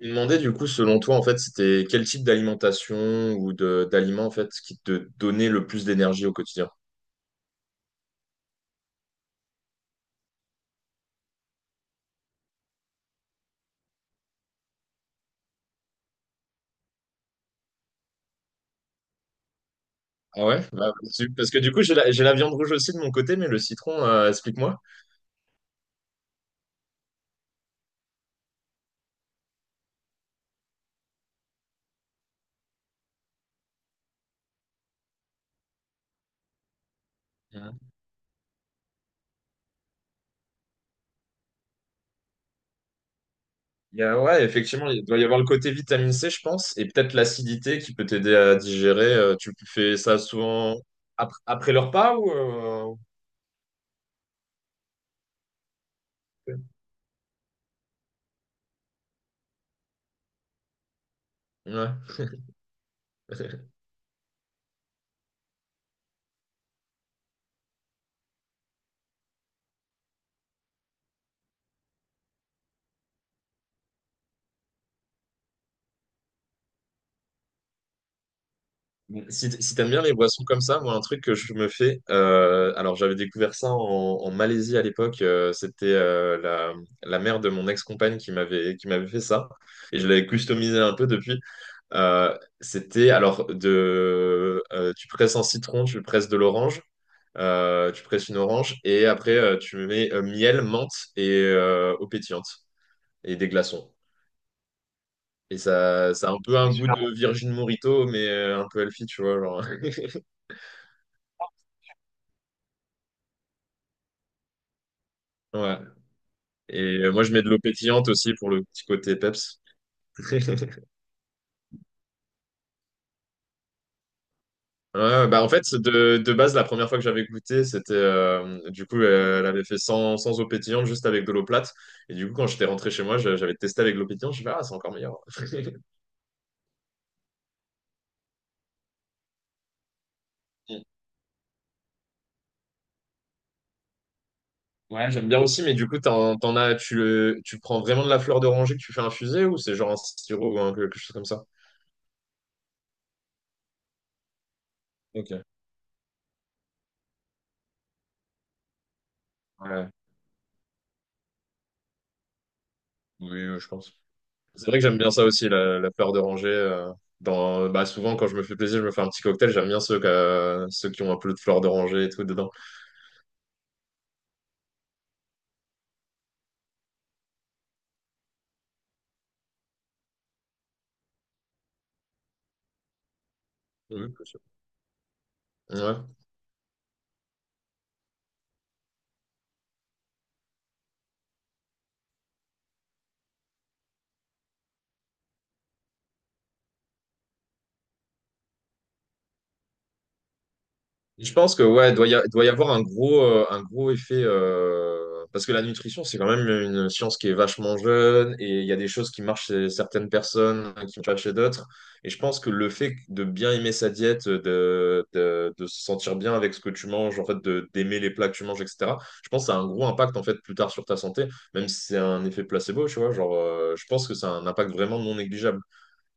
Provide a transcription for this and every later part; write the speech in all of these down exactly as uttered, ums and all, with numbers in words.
Je me demandais du coup, selon toi, en fait, c'était quel type d'alimentation ou de d'aliments en fait qui te donnait le plus d'énergie au quotidien? Ah ouais? Bah, su- parce que du coup, j'ai la, j'ai la viande rouge aussi de mon côté, mais le citron, euh, explique-moi. Mhm. Il y a- ouais, effectivement, il doit y avoir le côté vitamine cé, je pense, et peut-être l'acidité qui peut t'aider à digérer. Euh, tu fais ça souvent après, après le repas ou euh, Ouais. Si, t- si t'aimes bien les boissons comme ça, moi, un truc que je me fais, euh, alors j'avais découvert ça en, en Malaisie à l'époque, euh, c'était euh, la, la mère de mon ex-compagne qui m'avait qui m'avait fait ça, et je l'avais customisé un peu depuis. Euh, c'était alors de, euh, tu presses un citron, tu presses de l'orange, euh, tu presses une orange, et après euh, tu mets euh, miel, menthe et euh, eau pétillante, et des glaçons. Et ça, ça a un peu un goût de Virgin Morito, mais euh, un peu healthy, tu vois, genre. Ouais. Et euh, moi, je mets de l'eau pétillante aussi pour le petit côté peps. Ouais, bah en fait, de, de base, la première fois que j'avais goûté, c'était euh, du coup, euh, elle avait fait sans, sans eau pétillante, juste avec de l'eau plate. Et du coup, quand j'étais rentré chez moi, je- j'avais testé avec l'eau pétillante. Je me suis dit, ah, c'est encore meilleur. Mm. Ouais, j'aime bien aussi, mais du coup, t'en, t'en as, tu, le- tu prends vraiment de la fleur d'oranger que tu fais infuser ou c'est genre un sirop ou un- quelque chose comme ça? Ok. Ouais, oui, je pense. C'est vrai que j'aime bien ça aussi, la, la fleur d'oranger. euh, dans, bah souvent, quand je me fais plaisir, je me fais un petit cocktail. J'aime bien ceux, que- ceux qui ont un peu de fleur d'oranger et tout dedans. Oui, bien sûr. Ouais. Je pense que ouais, doit y a- doit y avoir un gros, euh, un gros effet euh, parce que la nutrition, c'est quand même une science qui est vachement jeune et il y a des choses qui marchent chez certaines personnes, hein, qui marchent pas chez d'autres. Et je pense que le fait de bien aimer sa diète, de, de, de se sentir bien avec ce que tu manges, en fait, de d'aimer les plats que tu manges, et cetera. Je pense que ça a un gros impact en fait plus tard sur ta santé, même si c'est un effet placebo, tu vois. Genre, euh, je pense que ça a un impact vraiment non négligeable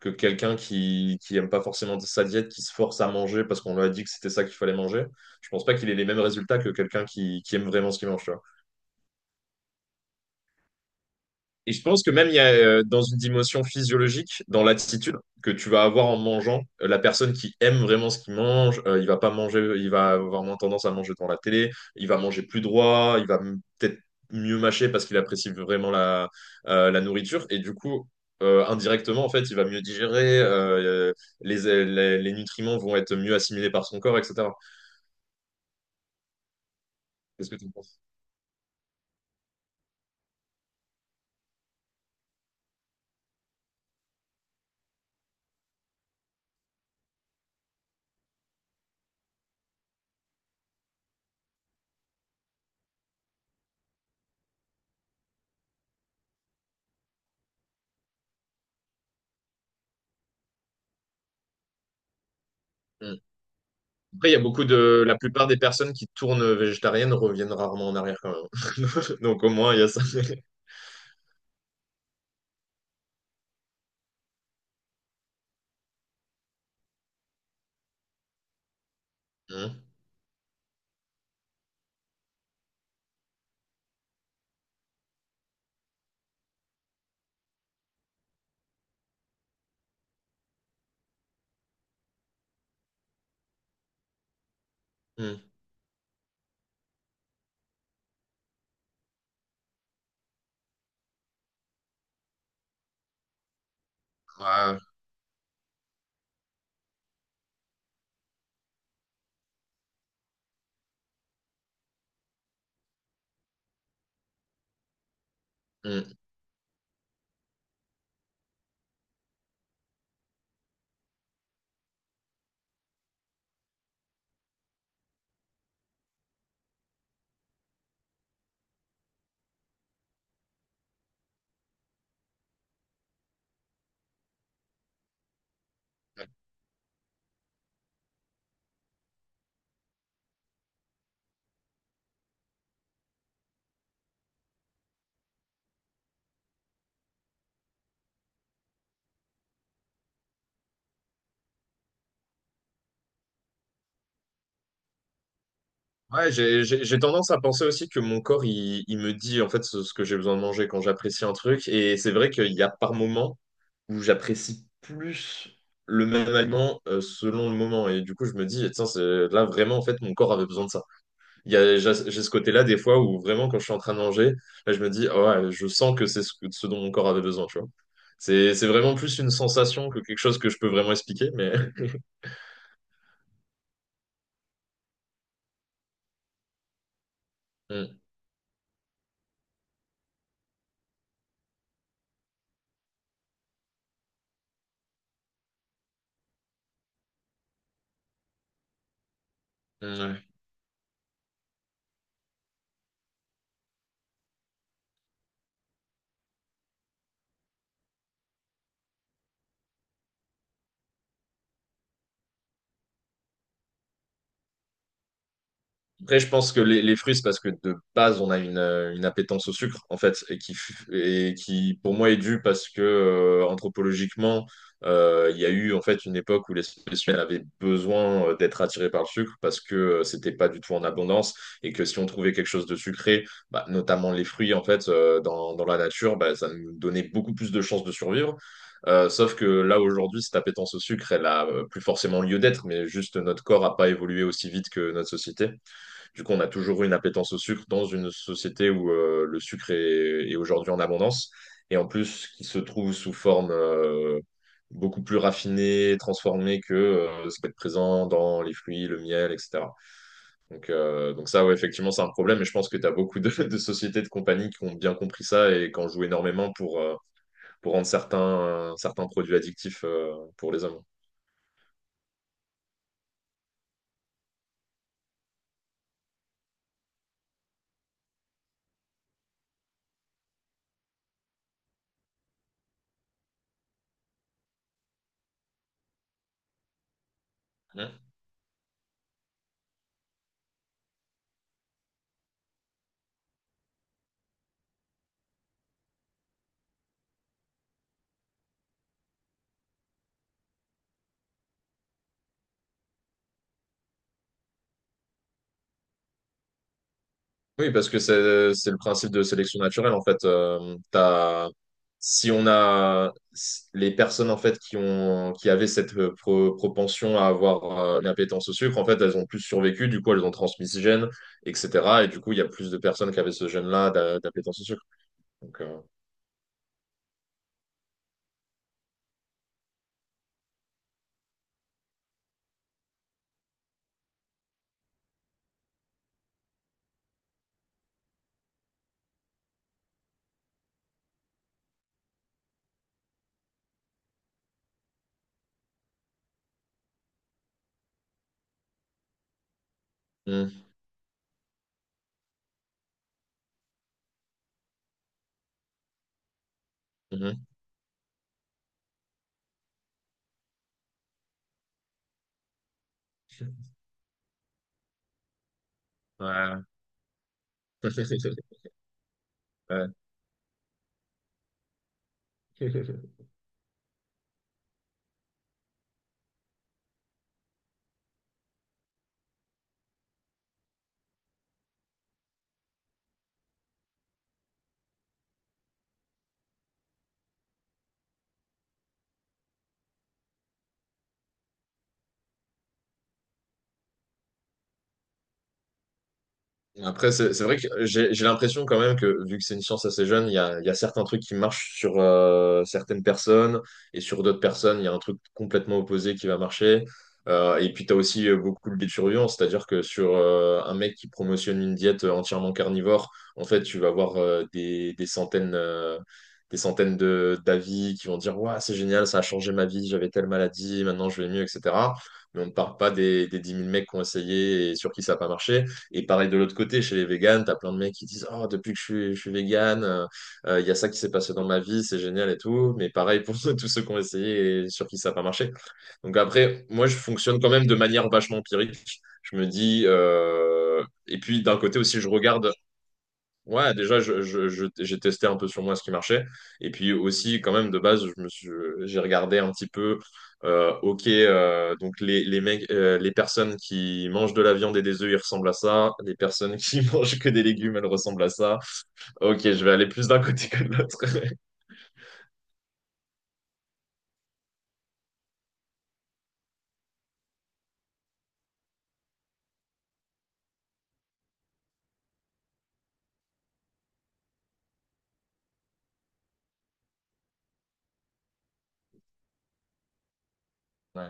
que quelqu'un qui, qui aime pas forcément sa diète, qui se force à manger parce qu'on lui a dit que c'était ça qu'il fallait manger. Je pense pas qu'il ait les mêmes résultats que quelqu'un qui, qui aime vraiment ce qu'il mange. Et je pense que même il y a euh, dans une dimension physiologique, dans l'attitude que tu vas avoir en mangeant, euh, la personne qui aime vraiment ce qu'il mange, euh, il va pas manger, il va avoir moins tendance à manger devant la télé, il va manger plus droit, il va m- peut-être mieux mâcher parce qu'il apprécie vraiment la, euh, la nourriture. Et du coup, euh, indirectement, en fait, il va mieux digérer, euh, les, les, les nutriments vont être mieux assimilés par son corps, et cetera. Qu'est-ce que tu en penses? Hmm. Après, il y a beaucoup de, la plupart des personnes qui tournent végétariennes reviennent rarement en arrière quand même. Donc au moins, il y a ça. Mm, mm. Ouais, mm. Ouais, j'ai, j'ai- j'ai tendance à penser aussi que mon corps, il, il me dit en fait ce, ce que j'ai besoin de manger quand j'apprécie un truc. Et c'est vrai qu'il y a par moments où j'apprécie plus le même aliment euh, selon le moment. Et du coup, je me dis, tiens, c'est là vraiment, en fait, mon corps avait besoin de ça. Il y a, j'ai j'ai ce côté-là des fois où vraiment quand je suis en train de manger, là je me dis, ah ouais, je sens que c'est ce, que- ce dont mon corps avait besoin, tu vois. C'est, c'est vraiment plus une sensation que quelque chose que je peux vraiment expliquer, mais Mm, mm, ouais. Après, je pense que les, les fruits, c'est parce que de base, on a une, euh, une appétence au sucre, en fait, et qui, f- et qui pour moi, est due parce que, euh, anthropologiquement, euh, il y a eu, en fait, une époque où l'espèce humaine avait besoin euh, d'être attirée par le sucre parce que euh, c'était pas du tout en abondance et que si on trouvait quelque chose de sucré, bah, notamment les fruits, en fait, euh, dans, dans la nature, bah, ça nous donnait beaucoup plus de chances de survivre. Euh, sauf que là, aujourd'hui, cette appétence au sucre, elle a euh, plus forcément lieu d'être, mais juste notre corps a pas évolué aussi vite que notre société. Du coup, on a toujours eu une appétence au sucre dans une société où euh, le sucre est, est aujourd'hui en abondance. Et en plus, qui se trouve sous forme euh, beaucoup plus raffinée, transformée que euh, ce qui est présent dans les fruits, le miel, et cetera. Donc, euh, donc ça, ouais, effectivement, c'est un problème. Et je pense que tu as beaucoup de, de sociétés, de compagnies qui ont bien compris ça et qui en jouent énormément pour, euh, pour rendre certains, certains produits addictifs euh, pour les hommes. Ouais. Oui, parce que c'est c'est le principe de sélection naturelle en fait. Euh, t'as- si on a s- les personnes en fait qui ont qui avaient cette euh, pro- propension à avoir euh, une appétence au sucre, en fait, elles ont plus survécu. Du coup, elles ont transmis ce gène, et cetera. Et du coup, il y a plus de personnes qui avaient ce gène-là d'a- d'appétence au sucre. Donc, euh, hum, hum, ouais. Ouais. Après, c'est c'est vrai que j'ai j'ai l'impression quand même que, vu que c'est une science assez jeune, il y a, il y a certains trucs qui marchent sur euh, certaines personnes et sur d'autres personnes, il y a un truc complètement opposé qui va marcher. Euh, et puis, tu as aussi euh, beaucoup le biais de biturient, c'est-à-dire que sur euh, un mec qui promotionne une diète euh, entièrement carnivore, en fait, tu vas avoir euh, des, des centaines, euh, des centaines de d'avis qui vont dire, waouh, c'est génial, ça a changé ma vie, j'avais telle maladie, maintenant je vais mieux, et cetera. Mais on ne parle pas des, des dix mille mecs qui ont essayé et sur qui ça n'a pas marché. Et pareil de l'autre côté, chez les véganes, t'as plein de mecs qui disent oh, depuis que je suis, je suis végane, euh, euh, il y a ça qui s'est passé dans ma vie, c'est génial et tout. Mais pareil pour tous ceux qui ont essayé et sur qui ça n'a pas marché. Donc après, moi, je fonctionne quand même de manière vachement empirique. Je me dis, euh, et puis d'un côté aussi, je regarde. Ouais, déjà, je, je- je- j'ai testé un peu sur moi ce qui marchait. Et puis aussi, quand même, de base, je me suis, j'ai regardé un petit peu, euh, ok, euh, donc les, les mecs, euh, les personnes qui mangent de la viande et des œufs, ils ressemblent à ça. Les personnes qui mangent que des légumes, elles ressemblent à ça. Ok, je vais aller plus d'un côté que de l'autre. Ouais.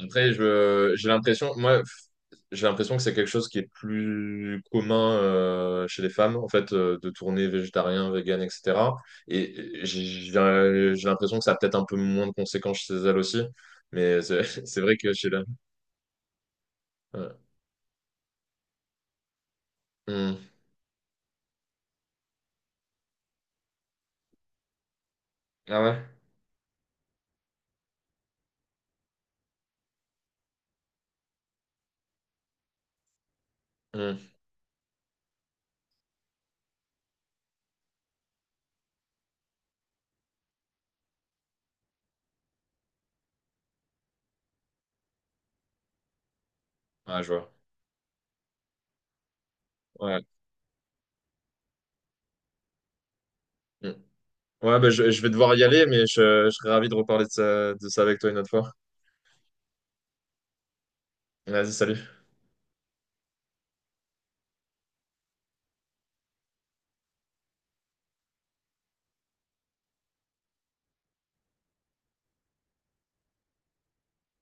Après, je, j'ai l'impression, moi, j'ai l'impression que c'est quelque chose qui est plus commun euh, chez les femmes, en fait, euh, de tourner végétarien, vegan, et cetera. Et j'ai j'ai- j'ai l'impression que ça a peut-être un peu moins de conséquences chez elles aussi. Mais c'est c'est vrai que chez la... Ouais. Hmm. Ah ouais? Hmm. Ah, je vois. Ouais. Hmm. Ouais, bah, je, je vais devoir y aller, mais je, je serais ravi de reparler de ça, de ça, avec toi une autre fois. Vas-y, salut.